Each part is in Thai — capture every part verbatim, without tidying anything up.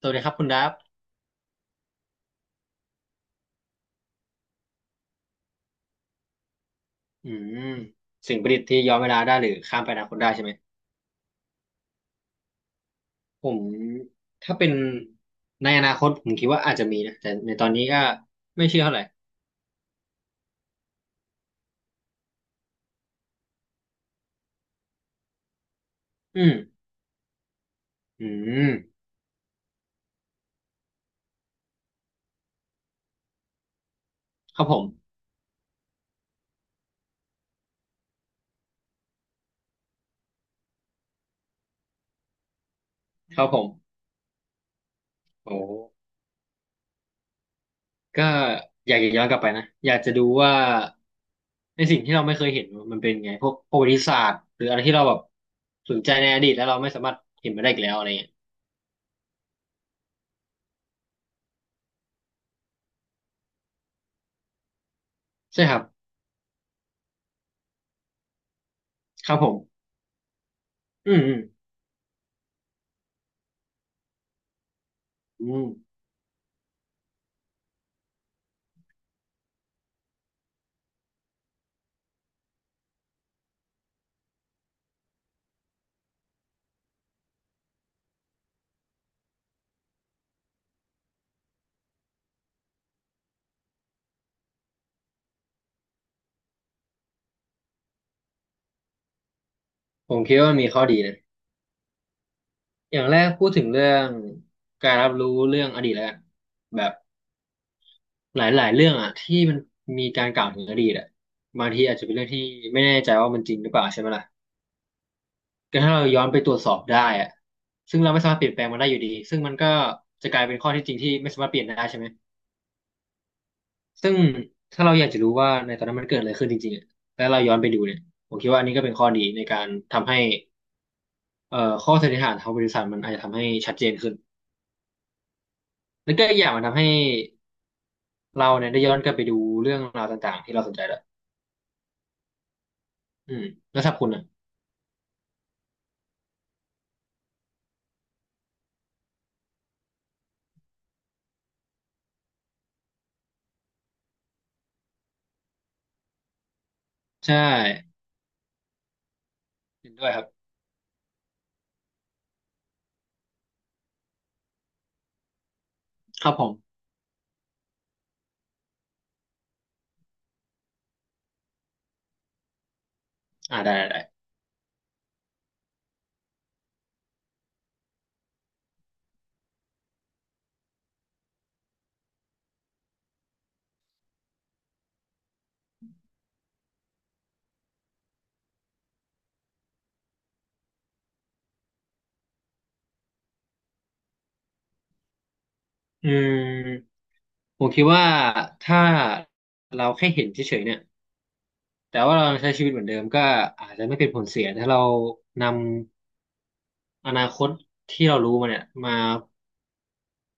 สวัสดีครับคุณดับอืมสิ่งประดิษฐ์ที่ย้อนเวลาได้หรือข้ามไปอนาคตได้ใช่ไหมผมถ้าเป็นในอนาคตผมคิดว่าอาจจะมีนะแต่ในตอนนี้ก็ไม่เชื่อเท่าไหร่อืมอืมครับผมครับผมโอ้ก็อยากจะย้อนกลับไปนะอยากจะดูว่าในสิ่งที่เราไม่เคยเห็นมันเป็นไงพวกประวัติศาสตร์หรืออะไรที่เราแบบสนใจในอดีตแล้วเราไม่สามารถเห็นมาได้อีกแล้วอะไรเงี้ยใช่ครับครับผมอืมอืมอืมผมคิดว่ามมีข้อดีนะ อย่างแรกพูดถึงเรื่องการรับรู้เรื่องอดีตแล้วกันแบบหลายๆเรื่องอ่ะที่มันมีการกล่าวถึงอดีตอ่ะบางทีอาจจะเป็นเรื่องที่ไม่แน่ใจว่ามันจริงหรือเปล่าใช่ไหมล่ะก็ถ้าเราย้อนไปตรวจสอบได้อ่ะซึ่งเราไม่สามารถเปลี่ยนแปลงมันได้อยู่ดีซึ่งมันก็จะกลายเป็นข้อที่จริงที่ไม่สามารถเปลี่ยนได้ใช่ไหมซึ่งถ้าเราอยากจะรู้ว่าในตอนนั้นมันเกิดอะไรขึ้นจริงๆอะแล้วเราย้อนไปดูเนี่ยผมคิดว่าอันนี้ก็เป็นข้อดีในการทำให้เอ่อข้อสันนิษฐานทางวิทยาศาสตร์มันอาจจะทำให้ชัดเจนขึ้นแล้วก็อีกอย่างมันทำให้ เราเนี่ยได้ย้อนกลับไปดูเรื่องราวต่างๆที่เราสนใจแล้วอืมแล้วสำหรับคุณอ่ะใช่เห็นด้วยครับครับผมอ่าได้ได้ได้อืมผมคิดว่าถ้าเราแค่เห็นเฉยๆเนี่ยแต่ว่าเราใช้ชีวิตเหมือนเดิมก็อาจจะไม่เป็นผลเสีย ถ้าเรานำอนาคตที่เรารู้มาเนี่ยมา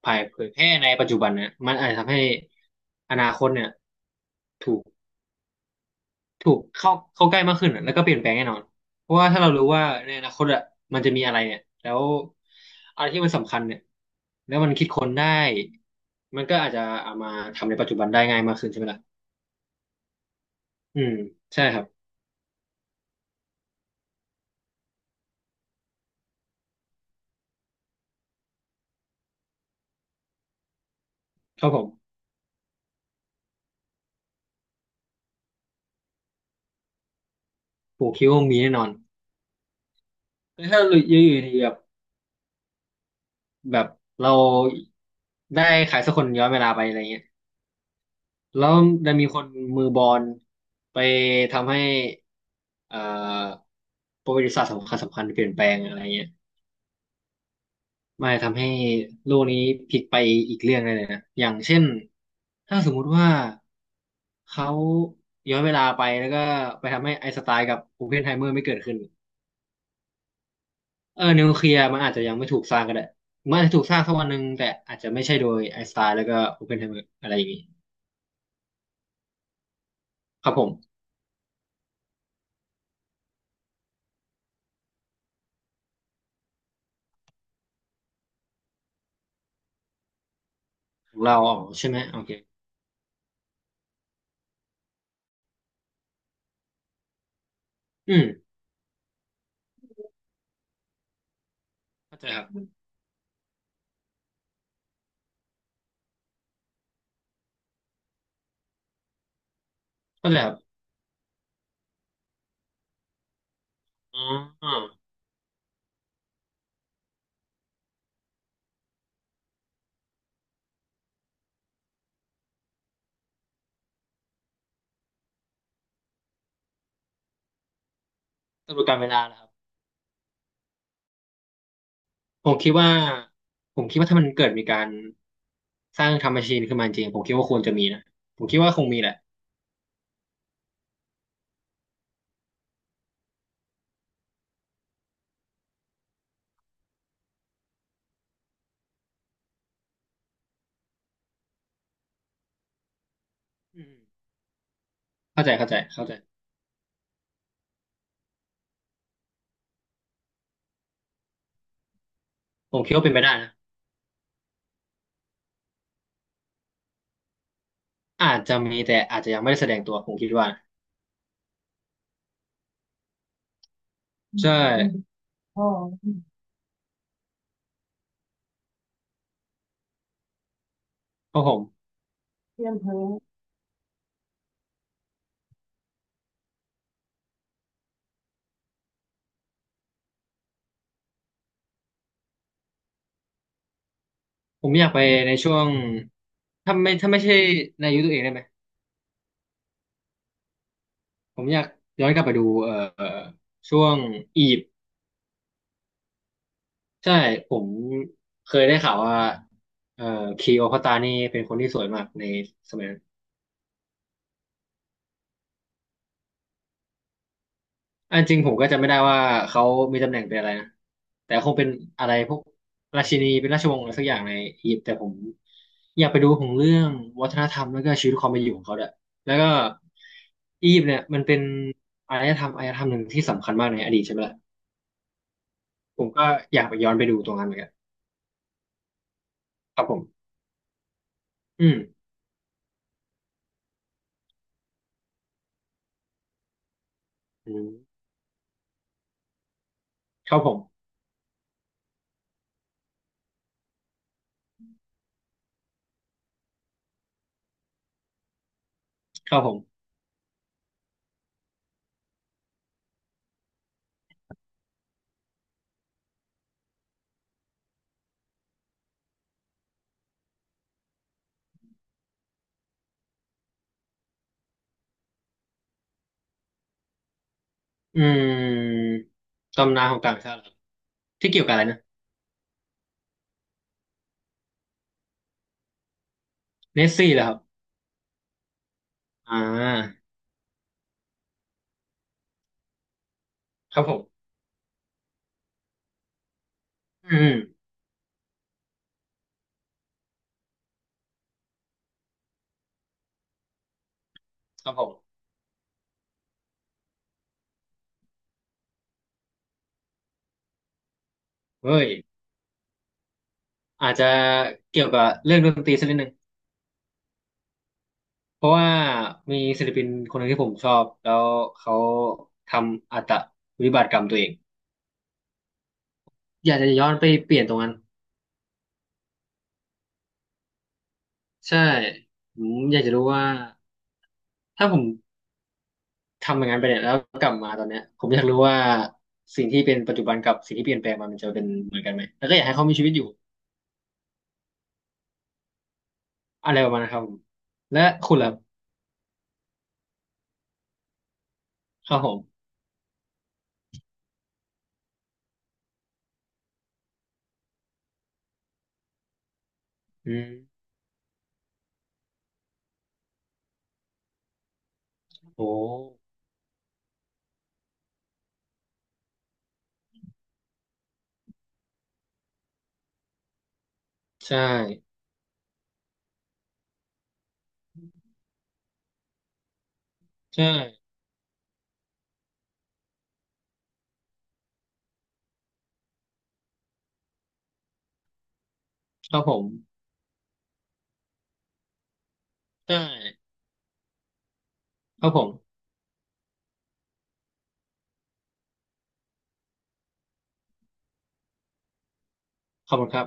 เผยแพร่ในปัจจุบันเนี่ยมันอาจจะทำให้อนาคตเนี่ย ถูกเข้าเข้าใกล้มากขึ้นอะแล้วก็เปลี่ยนแปลงแน่นอนเพราะว่าถ้าเรารู้ว่าในอนาคตอะมันจะมีอะไรเนี่ยแล้วอะไรที่มันสำคัญเนี่ยแล้วมันคิดค้นได้มันก็อาจจะเอามาทำในปัจจุบันได้ง่ายมากขึ้นใช่ไหมล่ะอืมใช่ครับครับผมผมคิดว่ามีแน่นอนแล้วถ้าอยู่อยู่ดีแบบแบบเราได้ขายสักคนย้อนเวลาไปอะไรเงี้ยแล้วจะมีคนมือบอลไปทำให้เอ่อประวัติศาสตร์สำคัญสำคัญเปลี่ยนแปลงอะไรเงี้ย ไม่ทำให้โลกนี้พลิกไปอีกเรื่องได้เลยนะ อย่างเช่น ถ้าสมมุติว่าเขาย้อนเวลาไปแล้วก็ไปทำให้ไอน์สไตน์กับโอเพนไฮเมอร์ไม่เกิดขึ้นเออนิวเคลียร์มันอาจจะยังไม่ถูกสร้างก็ได้มันอาจจะถูกสร้างสักวันหนึ่งแต่อาจจะไม่ใช่โดยไอน์สไตน์แล้วก็โอเพนไฮเมอร์อะไรอย่างนี้ครับผมของเราออกใช่ไหมโอเคอืมเข้าใจครับเข้าใจครับอ๋อตำรวจการเวลานะครับ ผมคิดว่าผมคิดว่าถ้ามันเกิดมีการสร้างทำแมชชีนขึ้นมาจริงผมคิดว่าควรจะมีนะผมคิดว่าคงมีแหละอืมเข้าใจเข้าใจเข้าใจผมคิดว่าเป็นไปได้นะอาจจะมีแต่อาจจะยังไม่ได้แสดงตัวผมคิดว่าใช่อ๋อเพราะผมเพื่อนเพ้อผมอยากไปในช่วงถ้าไม่ถ้าไม่ใช่ในยุคตัวเองได้ไหมผมอยากย้อนกลับไปดูเอ่อช่วงอียิปต์ใช่ผมเคยได้ข่าวว่าเอ่อคลีโอพัตรานี่เป็นคนที่สวยมากในสมัยนั้น อันจริงผมก็จำไม่ได้ว่าเขามีตำแหน่งเป็นอะไรนะแต่คงเป็นอะไรพวกราชินีเป็นราชวงศ์อะไรสักอย่างในอียิปต์แต่ผมอยากไปดูของเรื่องวัฒนธรรมแล้วก็ชีวิตความเป็นอยู่ของเขาด้วยแล้วก็อียิปต์เนี่ยมันเป็นอารยธรรมอารยธรรมหนึ่งที่สำคัญมากในอดีตใช่ไหมล่ะผมก็อยากไปย้อนไปดูตรงนั้นเหมือนกันครับผมอืมอืมครับผมครับผมอืมตำนานของต่างชาติเหรอที่เกี่ยวกับอะไรนะเนสซี่เหรอครับอ่าครับผมอืมครับผมเฮ้ย อาจจะเกี่ยวกับเรื่องดนตรีสักนิดหนึ่งเพราะว่ามีศิลปินคนหนึ่งที่ผมชอบแล้วเขาทำอัตวิบากกรรมตัวเองอยากจะย้อนไปเปลี่ยนตรงนั้นใช่ผมอยากจะรู้ว่าถ้าผมทำอย่างนั้นไปเนี่ยแล้วกลับมาตอนเนี้ยผมอยากรู้ว่าสิ่งที่เป็นปัจจุบันกับสิ่งที่เปลี่ยนแปลงมามันจะเป็นเหมือนกันไหมแล้วก็อยากให้เขามีชีวิตอยู่อะไรประมาณนั้นครับผมและคุณล่ะครับผมอืมโอ้ใช่ใช่ครับผมใช่ครับผมขอบคุณครับ